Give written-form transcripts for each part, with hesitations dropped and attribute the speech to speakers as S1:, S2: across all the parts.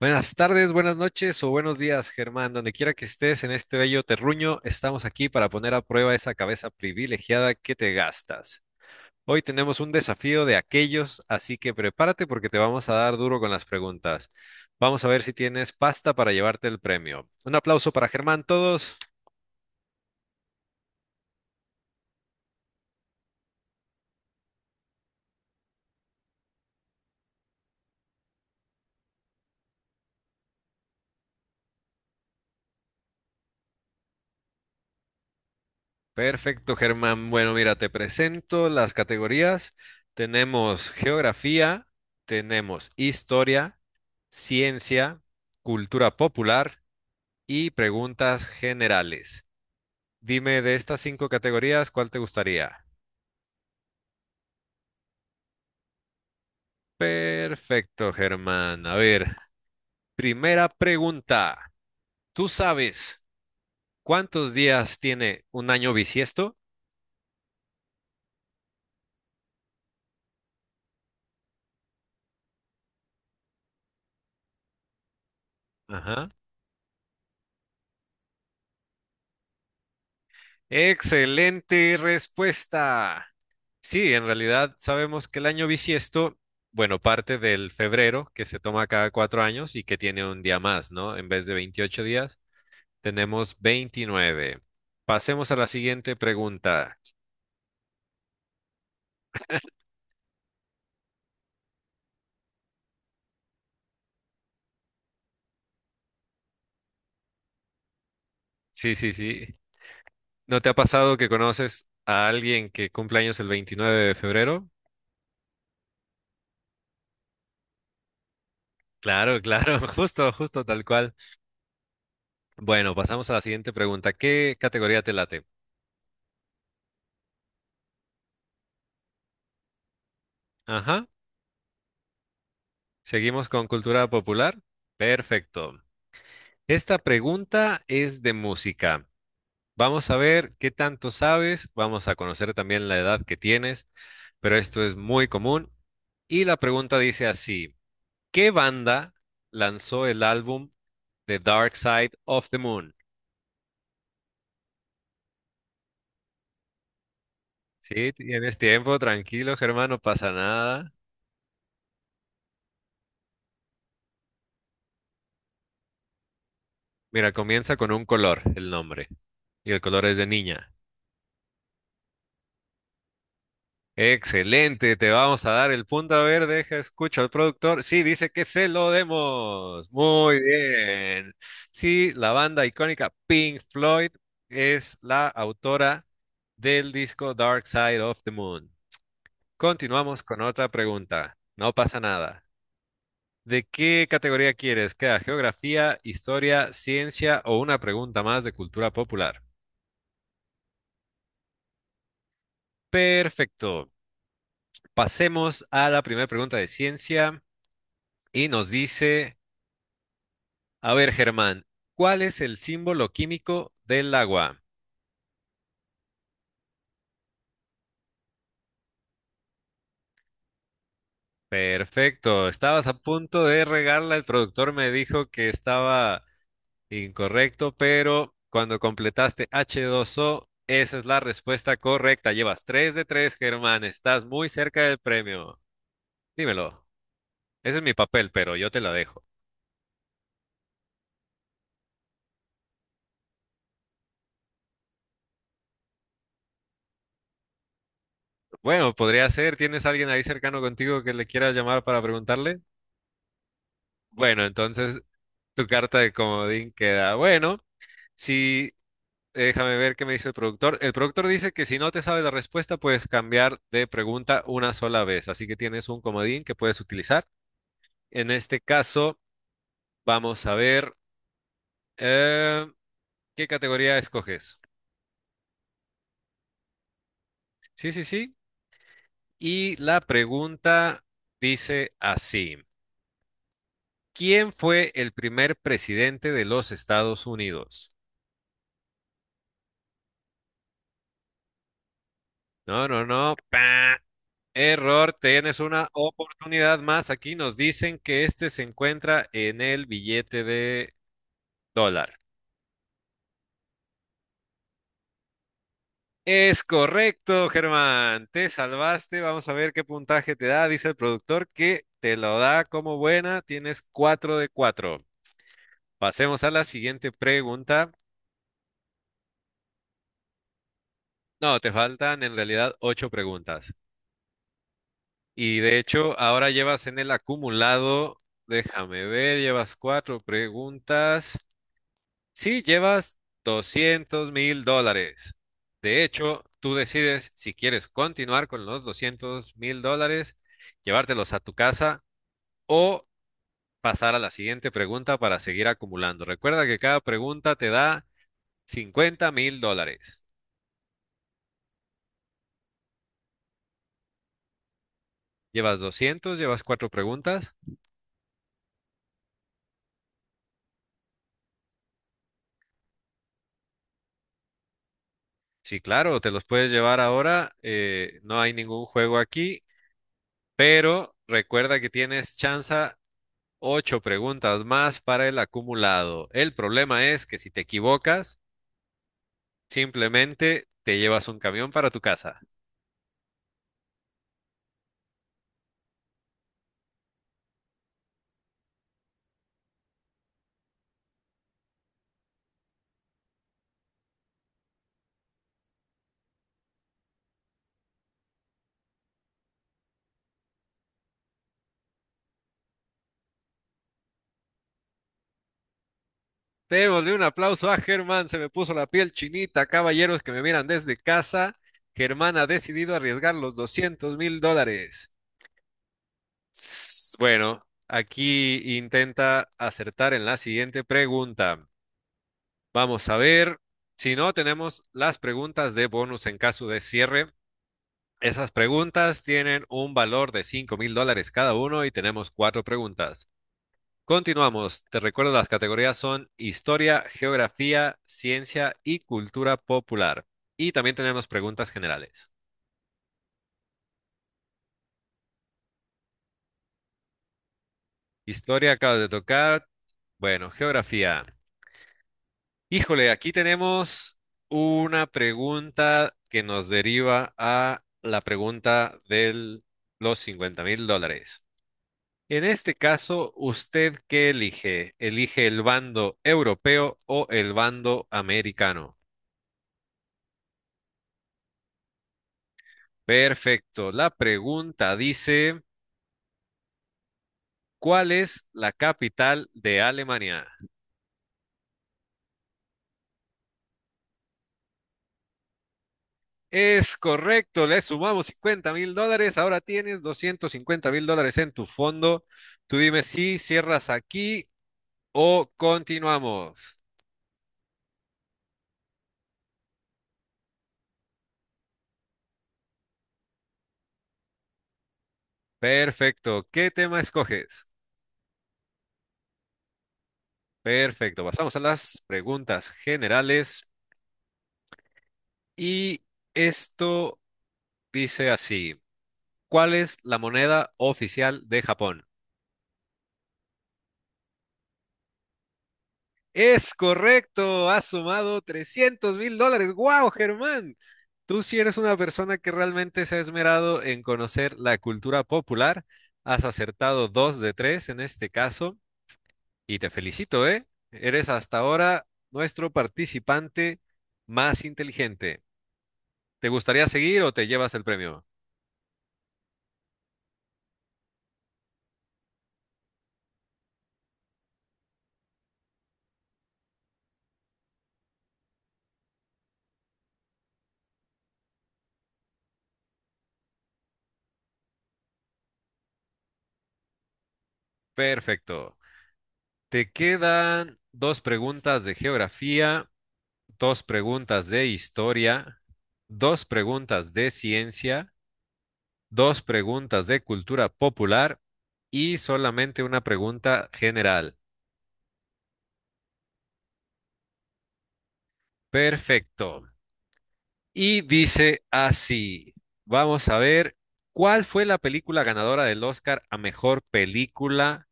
S1: Buenas tardes, buenas noches o buenos días, Germán. Donde quiera que estés en este bello terruño, estamos aquí para poner a prueba esa cabeza privilegiada que te gastas. Hoy tenemos un desafío de aquellos, así que prepárate porque te vamos a dar duro con las preguntas. Vamos a ver si tienes pasta para llevarte el premio. Un aplauso para Germán, todos. Perfecto, Germán. Bueno, mira, te presento las categorías. Tenemos geografía, tenemos historia, ciencia, cultura popular y preguntas generales. Dime de estas cinco categorías, ¿cuál te gustaría? Perfecto, Germán. A ver, primera pregunta. ¿Tú sabes cuántos días tiene un año bisiesto? Ajá. Excelente respuesta. Sí, en realidad sabemos que el año bisiesto, bueno, parte del febrero, que se toma cada 4 años y que tiene un día más, ¿no? En vez de 28 días, tenemos 29. Pasemos a la siguiente pregunta. Sí, sí, sí. ¿No te ha pasado que conoces a alguien que cumple años el 29 de febrero? Claro, claro, justo, justo tal cual. Bueno, pasamos a la siguiente pregunta. ¿Qué categoría te late? Ajá. ¿Seguimos con cultura popular? Perfecto. Esta pregunta es de música. Vamos a ver qué tanto sabes. Vamos a conocer también la edad que tienes, pero esto es muy común. Y la pregunta dice así, ¿qué banda lanzó el álbum The Dark Side of the Moon? Sí, tienes tiempo, tranquilo, Germán, no pasa nada. Mira, comienza con un color, el nombre. Y el color es de niña. Excelente, te vamos a dar el punto. A ver, deja, escucho al productor. Sí, dice que se lo demos. Muy bien. Sí, la banda icónica Pink Floyd es la autora del disco Dark Side of the Moon. Continuamos con otra pregunta. No pasa nada. ¿De qué categoría quieres? ¿Queda geografía, historia, ciencia o una pregunta más de cultura popular? Perfecto. Pasemos a la primera pregunta de ciencia y nos dice, a ver, Germán, ¿cuál es el símbolo químico del agua? Perfecto. Estabas a punto de regarla. El productor me dijo que estaba incorrecto, pero cuando completaste H2O, esa es la respuesta correcta. Llevas 3 de 3, Germán. Estás muy cerca del premio. Dímelo. Ese es mi papel, pero yo te la dejo. Bueno, podría ser. ¿Tienes alguien ahí cercano contigo que le quieras llamar para preguntarle? Bueno, entonces tu carta de comodín queda. Bueno, si déjame ver qué me dice el productor. El productor dice que si no te sabe la respuesta, puedes cambiar de pregunta una sola vez. Así que tienes un comodín que puedes utilizar. En este caso, vamos a ver eh, qué categoría escoges. Sí, sí, sí. Y la pregunta dice así. ¿Quién fue el primer presidente de los Estados Unidos? No, no, no. Error, tienes una oportunidad más. Aquí nos dicen que este se encuentra en el billete de dólar. Es correcto, Germán. Te salvaste. Vamos a ver qué puntaje te da. Dice el productor que te lo da como buena. Tienes 4 de 4. Pasemos a la siguiente pregunta. No, te faltan en realidad 8 preguntas. Y de hecho, ahora llevas en el acumulado, déjame ver, llevas cuatro preguntas. Sí, llevas $200,000. De hecho, tú decides si quieres continuar con los $200,000, llevártelos a tu casa o pasar a la siguiente pregunta para seguir acumulando. Recuerda que cada pregunta te da $50,000. Llevas doscientos, llevas cuatro preguntas. Sí, claro, te los puedes llevar ahora. No hay ningún juego aquí. Pero recuerda que tienes chance ocho preguntas más para el acumulado. El problema es que si te equivocas, simplemente te llevas un camión para tu casa. Démosle un aplauso a Germán, se me puso la piel chinita, caballeros que me miran desde casa. Germán ha decidido arriesgar los $200,000. Bueno, aquí intenta acertar en la siguiente pregunta. Vamos a ver. Si no, tenemos las preguntas de bonus en caso de cierre. Esas preguntas tienen un valor de $5,000 cada uno y tenemos cuatro preguntas. Continuamos. Te recuerdo, las categorías son historia, geografía, ciencia y cultura popular. Y también tenemos preguntas generales. Historia acabas de tocar. Bueno, geografía. Híjole, aquí tenemos una pregunta que nos deriva a la pregunta de los $50,000. En este caso, ¿usted qué elige? ¿Elige el bando europeo o el bando americano? Perfecto. La pregunta dice, ¿cuál es la capital de Alemania? Es correcto, le sumamos 50 mil dólares, ahora tienes 250 mil dólares en tu fondo. Tú dime si cierras aquí o continuamos. Perfecto, ¿qué tema escoges? Perfecto, pasamos a las preguntas generales. Y esto dice así, ¿cuál es la moneda oficial de Japón? Es correcto, ha sumado $300,000. ¡Wow, Germán! Tú si eres una persona que realmente se ha esmerado en conocer la cultura popular. Has acertado dos de tres en este caso y te felicito, ¿eh? Eres hasta ahora nuestro participante más inteligente. ¿Te gustaría seguir o te llevas el premio? Perfecto. Te quedan dos preguntas de geografía, dos preguntas de historia, dos preguntas de ciencia, dos preguntas de cultura popular y solamente una pregunta general. Perfecto. Y dice así, vamos a ver, ¿cuál fue la película ganadora del Oscar a mejor película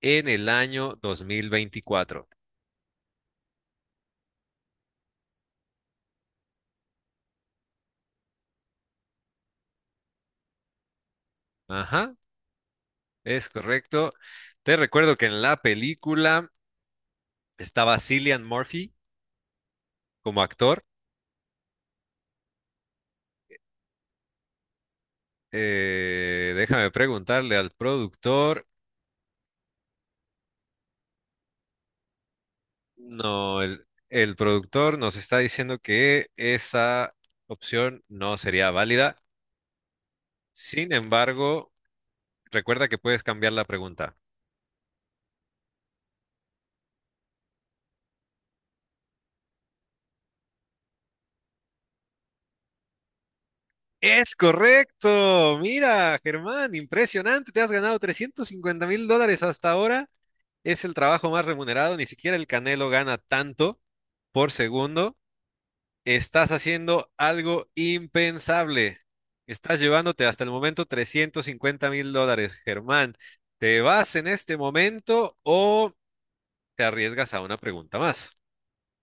S1: en el año 2024? Ajá, es correcto. Te recuerdo que en la película estaba Cillian Murphy como actor. Déjame preguntarle al productor. No, el productor nos está diciendo que esa opción no sería válida. Sin embargo, recuerda que puedes cambiar la pregunta. Es correcto. Mira, Germán, impresionante. Te has ganado $350,000 hasta ahora. Es el trabajo más remunerado. Ni siquiera el Canelo gana tanto por segundo. Estás haciendo algo impensable. Estás llevándote hasta el momento $350,000, Germán. ¿Te vas en este momento o te arriesgas a una pregunta más?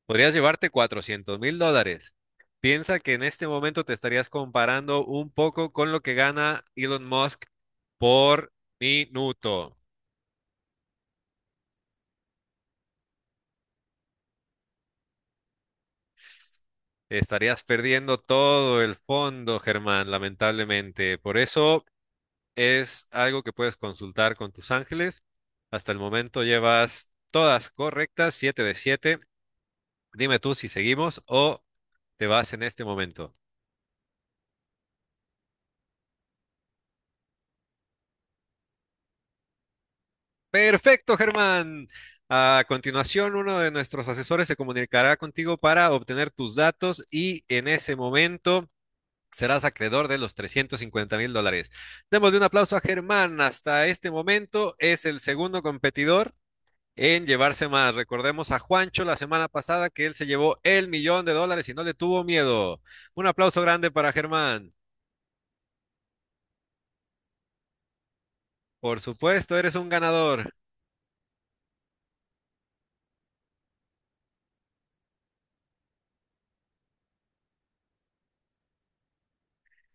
S1: Podrías llevarte $400,000. Piensa que en este momento te estarías comparando un poco con lo que gana Elon Musk por minuto. Estarías perdiendo todo el fondo, Germán, lamentablemente. Por eso, es algo que puedes consultar con tus ángeles. Hasta el momento llevas todas correctas, 7 de 7. Dime tú si seguimos o te vas en este momento. Perfecto, Germán. A continuación, uno de nuestros asesores se comunicará contigo para obtener tus datos y en ese momento serás acreedor de los $350,000. Démosle un aplauso a Germán. Hasta este momento es el segundo competidor en llevarse más. Recordemos a Juancho la semana pasada que él se llevó el millón de dólares y no le tuvo miedo. Un aplauso grande para Germán. Por supuesto, eres un ganador.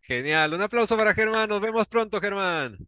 S1: Genial. Un aplauso para Germán. Nos vemos pronto, Germán.